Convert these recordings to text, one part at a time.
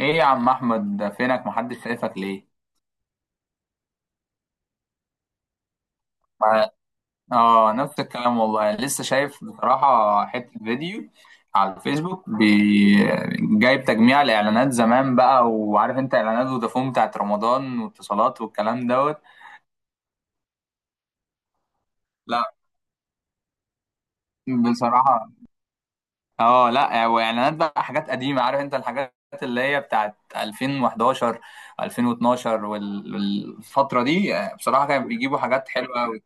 ايه يا عم احمد، ده فينك؟ محدش شايفك ليه؟ ما- اه، نفس الكلام والله. لسه شايف بصراحة حتة فيديو على الفيسبوك جايب تجميع الاعلانات زمان بقى، وعارف انت اعلانات فودافون بتاعت رمضان واتصالات والكلام دوت. لا بصراحة اه، لا واعلانات بقى حاجات قديمة، عارف انت الحاجات اللي هي بتاعت 2011 2012 والفترة دي بصراحة كانوا بيجيبوا حاجات حلوة.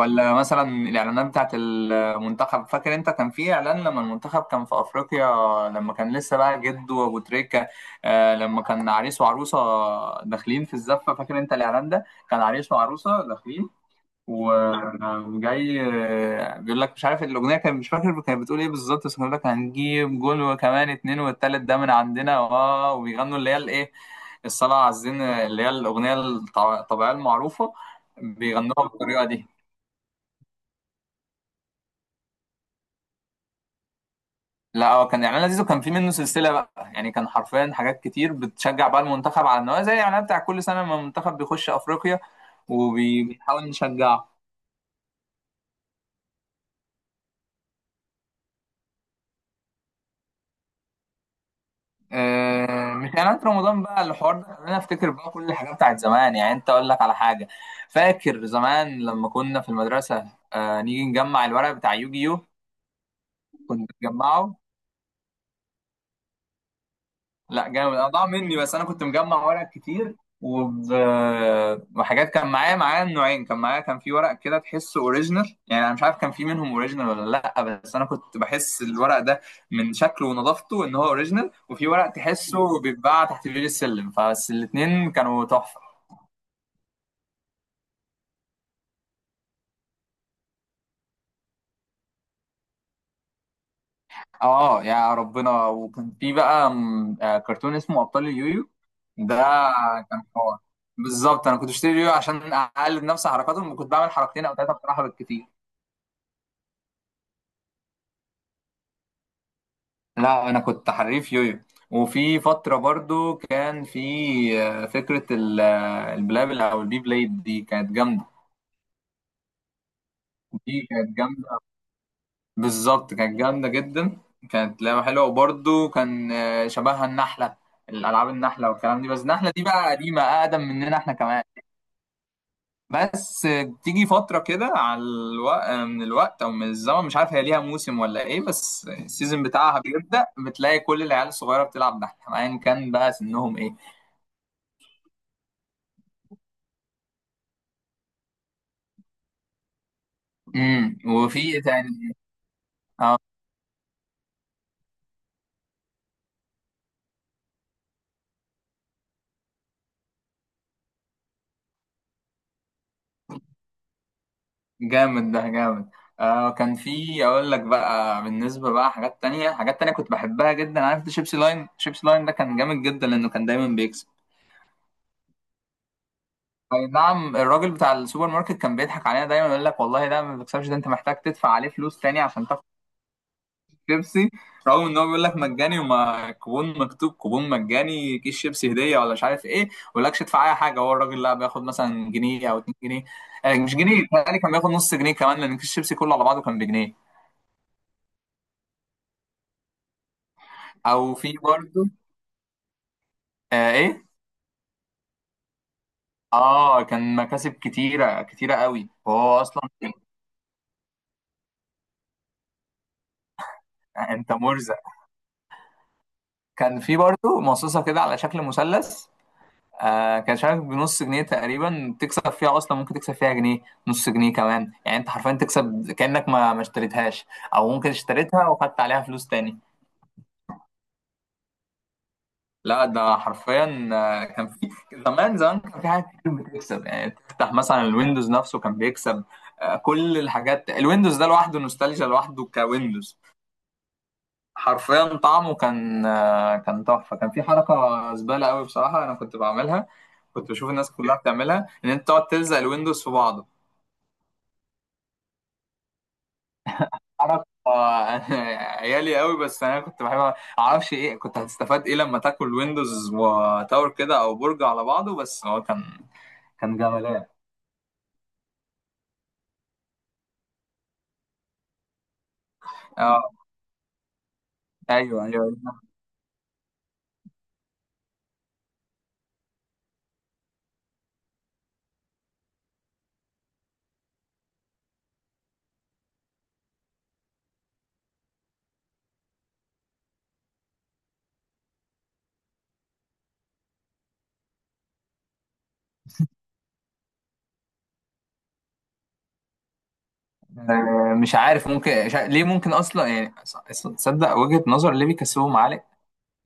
ولا مثلا الاعلانات بتاعت المنتخب، فاكر انت كان في اعلان لما المنتخب كان في افريقيا؟ لما كان لسه بقى جده وابو تريكه لما كان عريس وعروسه داخلين في الزفه، فاكر انت الاعلان ده؟ كان عريس وعروسه داخلين و- وجاي بيقول لك، مش عارف الاغنيه كان مش فاكر كانت بتقول ايه بالظبط، بس كان بيقول لك هنجيب جول وكمان اتنين والتالت ده من عندنا، اه وبيغنوا اللي هي الايه، الصلاه على الزين، اللي هي الاغنيه الطبيعيه المعروفه، بيغنوها بالطريقه دي. لا هو كان اعلان لذيذ، وكان في منه سلسله بقى، يعني كان حرفيا حاجات كتير بتشجع بقى المنتخب، على ان هو زي الاعلان بتاع كل سنه لما المنتخب بيخش افريقيا وبنحاول نشجعه. مش اعلانات رمضان بقى، الحوار ده خلاني افتكر بقى كل الحاجات بتاعت زمان. يعني انت اقول لك على حاجه، فاكر زمان لما كنا في المدرسه نيجي نجمع الورق بتاع يوجيو؟ كنا بنجمعه. لا جامد. انا ضاع مني، بس انا كنت مجمع ورق كتير وب... وحاجات، كان معايا النوعين، كان معايا، كان في ورق كده تحسه اوريجينال. يعني انا مش عارف كان في منهم اوريجينال ولا لا، بس انا كنت بحس الورق ده من شكله ونظافته ان هو اوريجينال، وفي ورق تحسه بيتباع تحت بير السلم، فبس الاتنين كانوا تحفة. اه يا ربنا، وكان في بقى كرتون اسمه ابطال اليويو، ده كان حوار. بالظبط انا كنت بشتري يويو عشان اقلد نفس حركاتهم، كنت بعمل حركتين او ثلاثة بصراحة بالكتير. لا انا كنت حريف يويو. وفي فتره برضو كان في فكره البلابل او البي بليد، دي كانت جامده. دي كانت جامده بالظبط، كانت جامده جدا، كانت لعبه حلوه. وبرضو كان شبهها النحله، الالعاب النحله والكلام دي، بس النحله دي بقى قديمه، اقدم مننا احنا كمان. بس تيجي فتره كده على الوقت، من الوقت او من الزمن مش عارف هي ليها موسم ولا ايه، بس السيزون بتاعها بيبدا بتلاقي كل العيال الصغيره بتلعب نحله، ايا كان بقى سنهم ايه. وفي إيه تاني؟ اه جامد، ده جامد. كان في، اقول لك بقى بالنسبه بقى، حاجات تانية حاجات تانية كنت بحبها جدا. عارف ده شيبسي لاين؟ شيبسي لاين ده كان جامد جدا، لانه كان دايما بيكسب. اي نعم، الراجل بتاع السوبر ماركت كان بيضحك علينا دايما، يقول لك والله ده ما بيكسبش، ده انت محتاج تدفع عليه فلوس تاني عشان تاخد شيبسي، رغم ان هو بيقول لك مجاني وما كوبون مكتوب كوبون مجاني، كيس شيبسي هديه ولا مش عارف ايه، ما يقولكش ادفع اي حاجه، هو الراجل لا بياخد مثلا جنيه او 2 جنيه. مش جنيه، بيتهيألي كان بياخد نص جنيه كمان، لان كيس شيبسي كله على بعضه كان بجنيه. او في برضه ايه اه كان مكاسب كتيره، كتيره قوي، وهو اصلا انت مرزق. كان في برضه مصاصه كده على شكل مثلث، كان مش عارف بنص جنيه تقريبا تكسب فيها، اصلا ممكن تكسب فيها جنيه، نص جنيه كمان، يعني انت حرفيا تكسب كأنك ما اشتريتهاش، او ممكن اشتريتها وخدت عليها فلوس تاني. لا ده حرفيا كان في زمان زمان كان في حاجات كتير بتكسب، يعني تفتح مثلا الويندوز نفسه كان بيكسب. كل الحاجات، الويندوز ده لوحده نوستالجيا لوحده، كويندوز حرفيا طعمه كان كان تحفه. كان في حركه زباله قوي بصراحه انا كنت بعملها، كنت بشوف الناس كلها بتعملها، ان انت تقعد تلزق الويندوز في بعض. عرف عيالي قوي بس، انا كنت بحب اعرفش ايه كنت هتستفاد ايه لما تاكل ويندوز وتاور كده او برج على بعضه، بس هو كان جمالان. اه، ايوه، ايوه، أيوه. مش عارف، ممكن ليه؟ ممكن اصلا، يعني تصدق وجهة نظر ليه بيكسبوا معلقه؟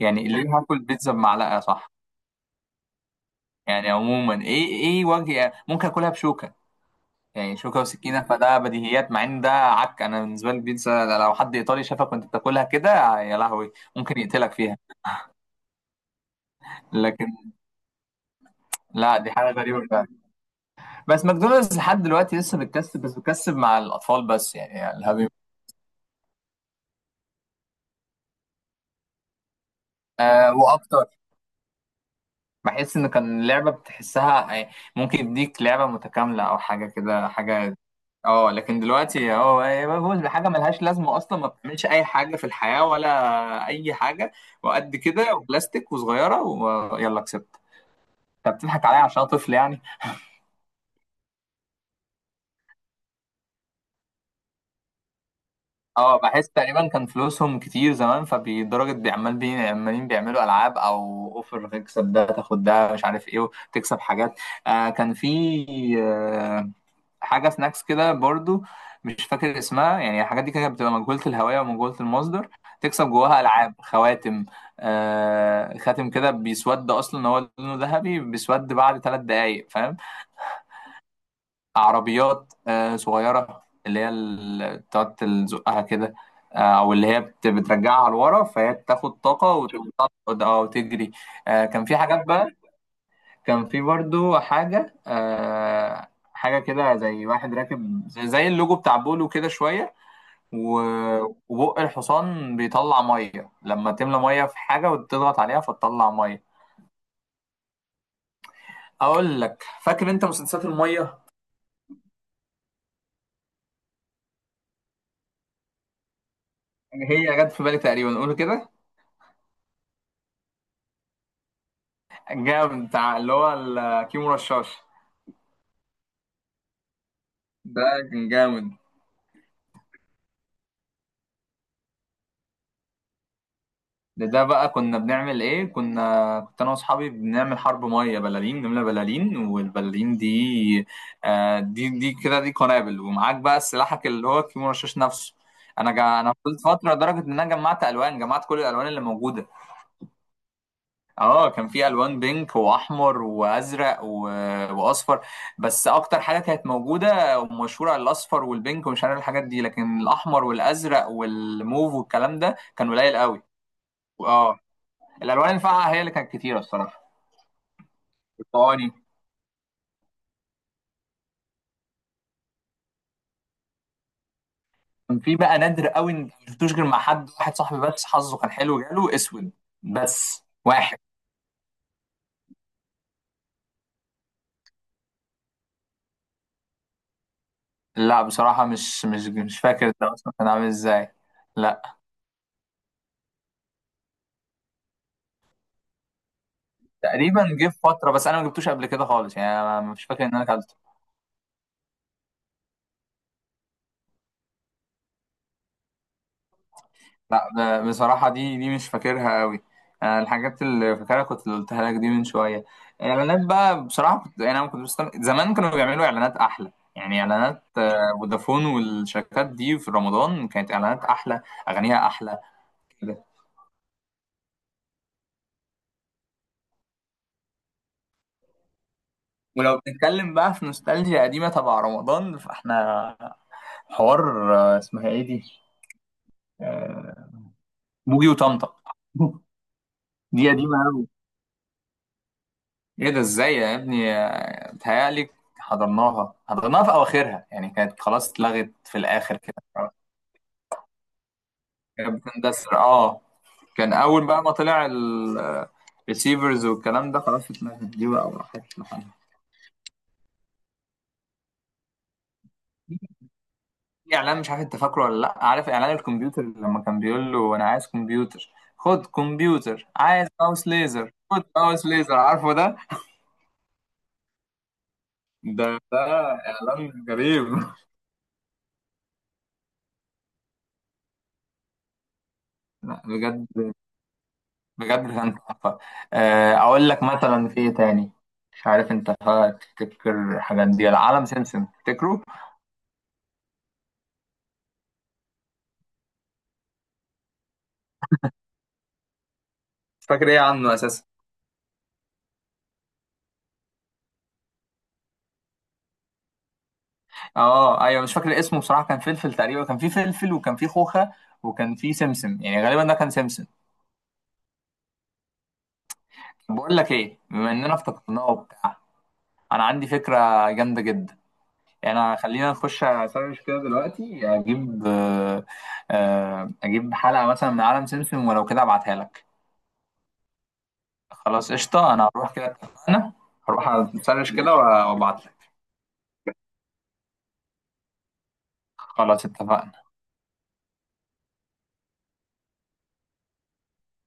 يعني ليه؟ هاكل بيتزا بمعلقه؟ صح، يعني عموما ايه وجه ممكن اكلها بشوكه؟ يعني شوكه وسكينه، فده بديهيات، مع ان ده عك. انا بالنسبه لي البيتزا لو حد ايطالي شافك وانت بتاكلها كده، يا لهوي ممكن يقتلك فيها. لكن لا، دي حاجه غريبه فعلا. بس ماكدونالدز لحد دلوقتي لسه بتكسب، بس بتكسب مع الاطفال بس، يعني الهابي. واكتر، بحس ان كان اللعبه بتحسها يعني، ممكن يديك لعبه متكامله او حاجه كده، حاجه. اه لكن دلوقتي هو بفوز بحاجه ملهاش لازمه اصلا، ما بتعملش اي حاجه في الحياه، ولا اي حاجه، وقد كده، وبلاستيك، وصغيره، ويلا كسبت. انت بتضحك عليا عشان أنا طفل يعني. اه بحس تقريبا كان فلوسهم كتير زمان، فبالدرجة بيعمال عمالين بيعملوا ألعاب، أو أوفر تكسب ده تاخد ده مش عارف إيه، وتكسب حاجات. كان في آه حاجة سناكس كده برضو، مش فاكر اسمها، يعني الحاجات دي كانت بتبقى مجهولة الهوية ومجهولة المصدر. تكسب جواها ألعاب، خواتم خاتم كده بيسود، أصلا هو لونه ذهبي بيسود بعد ثلاث دقايق، فاهم؟ عربيات صغيرة اللي هي بتقعد تزقها كده، أو اللي هي بترجعها لورا فهي بتاخد طاقة وتقعد أو تجري. كان في حاجات بقى، كان في برضو حاجة حاجة كده زي واحد راكب، زي اللوجو بتاع بولو كده شوية، وبق الحصان بيطلع مية لما تملى مية في حاجة وتضغط عليها فتطلع مية. أقول لك، فاكر أنت مسدسات المية؟ هي جت في بالي تقريبا، قول كده. جامد، بتاع اللي هو الكيمو رشاش، ده كان جامد. ده بقى كنا بنعمل ايه، كنت انا واصحابي بنعمل حرب ميه، بلالين، نملى بلالين، والبلالين دي دي كده، دي قنابل، ومعاك بقى سلاحك اللي هو الكيمو رشاش نفسه. انا فضلت فتره لدرجه ان انا جمعت الوان، جمعت كل الالوان اللي موجوده. اه كان في الوان، بينك واحمر وازرق واصفر، بس اكتر حاجه كانت موجوده ومشهوره على الاصفر والبينك ومش عارف الحاجات دي، لكن الاحمر والازرق والموف والكلام ده كان قليل قوي. اه الالوان الفاقعه هي اللي كانت كتيره الصراحه، الطواني. كان في بقى نادر قوي، ان ما شفتوش غير مع حد واحد، صاحبي بس حظه كان حلو جاله اسود، بس واحد. لا بصراحه، مش فاكر ده اصلا كان عامل ازاي. لا تقريبا جه في فتره، بس انا ما جبتوش قبل كده خالص، يعني أنا مش فاكر ان انا كان. لا بصراحة دي مش فاكرها قوي. أنا الحاجات اللي فاكرها كنت اللي قلتها لك دي من شوية. الإعلانات بقى بصراحة كنت يعني، أنا كنت زمان كانوا بيعملوا إعلانات أحلى، يعني إعلانات فودافون والشركات دي في رمضان كانت إعلانات أحلى، أغانيها أحلى كده. ولو بنتكلم بقى في نوستالجيا قديمة تبع رمضان، فإحنا حوار اسمها إيه دي؟ آه، بوجي وطمطم. دي قديمة. ايه ده؟ ازاي يا ابني؟ بتهيألي حضرناها في اواخرها، يعني كانت خلاص اتلغت في الاخر كده، كانت بتندثر اه. كان اول بقى ما طلع الريسيفرز والكلام ده، خلاص اتلغت دي بقى وراحت لحالها. في اعلان مش عارف انت فاكره ولا لا، عارف اعلان الكمبيوتر لما كان بيقول له انا عايز كمبيوتر، خد كمبيوتر، عايز ماوس ليزر، خد ماوس ليزر، عارفه ده اعلان غريب. لا بجد، بجد كان تحفة. أقول لك مثلا في إيه تاني. مش عارف أنت تفتكر الحاجات دي، العالم سمسم تفتكره؟ مش فاكر إيه عنه أساسا. أه، أيوه، مش فاكر اسمه بصراحة. كان فلفل تقريبا، كان في فلفل وكان في خوخة وكان في سمسم، يعني غالبا ده كان سمسم. بقول لك إيه، بما إننا افتكرناه وبتاع، أنا عندي فكرة جامدة جدا. يعني خلينا نخش أسرش كده دلوقتي، أجيب أجيب حلقة مثلا من عالم سمسم، ولو كده أبعتها لك. خلاص، قشطة، أنا هروح كده، اتفقنا، هروح أسرش كده وأبعت لك. خلاص اتفقنا.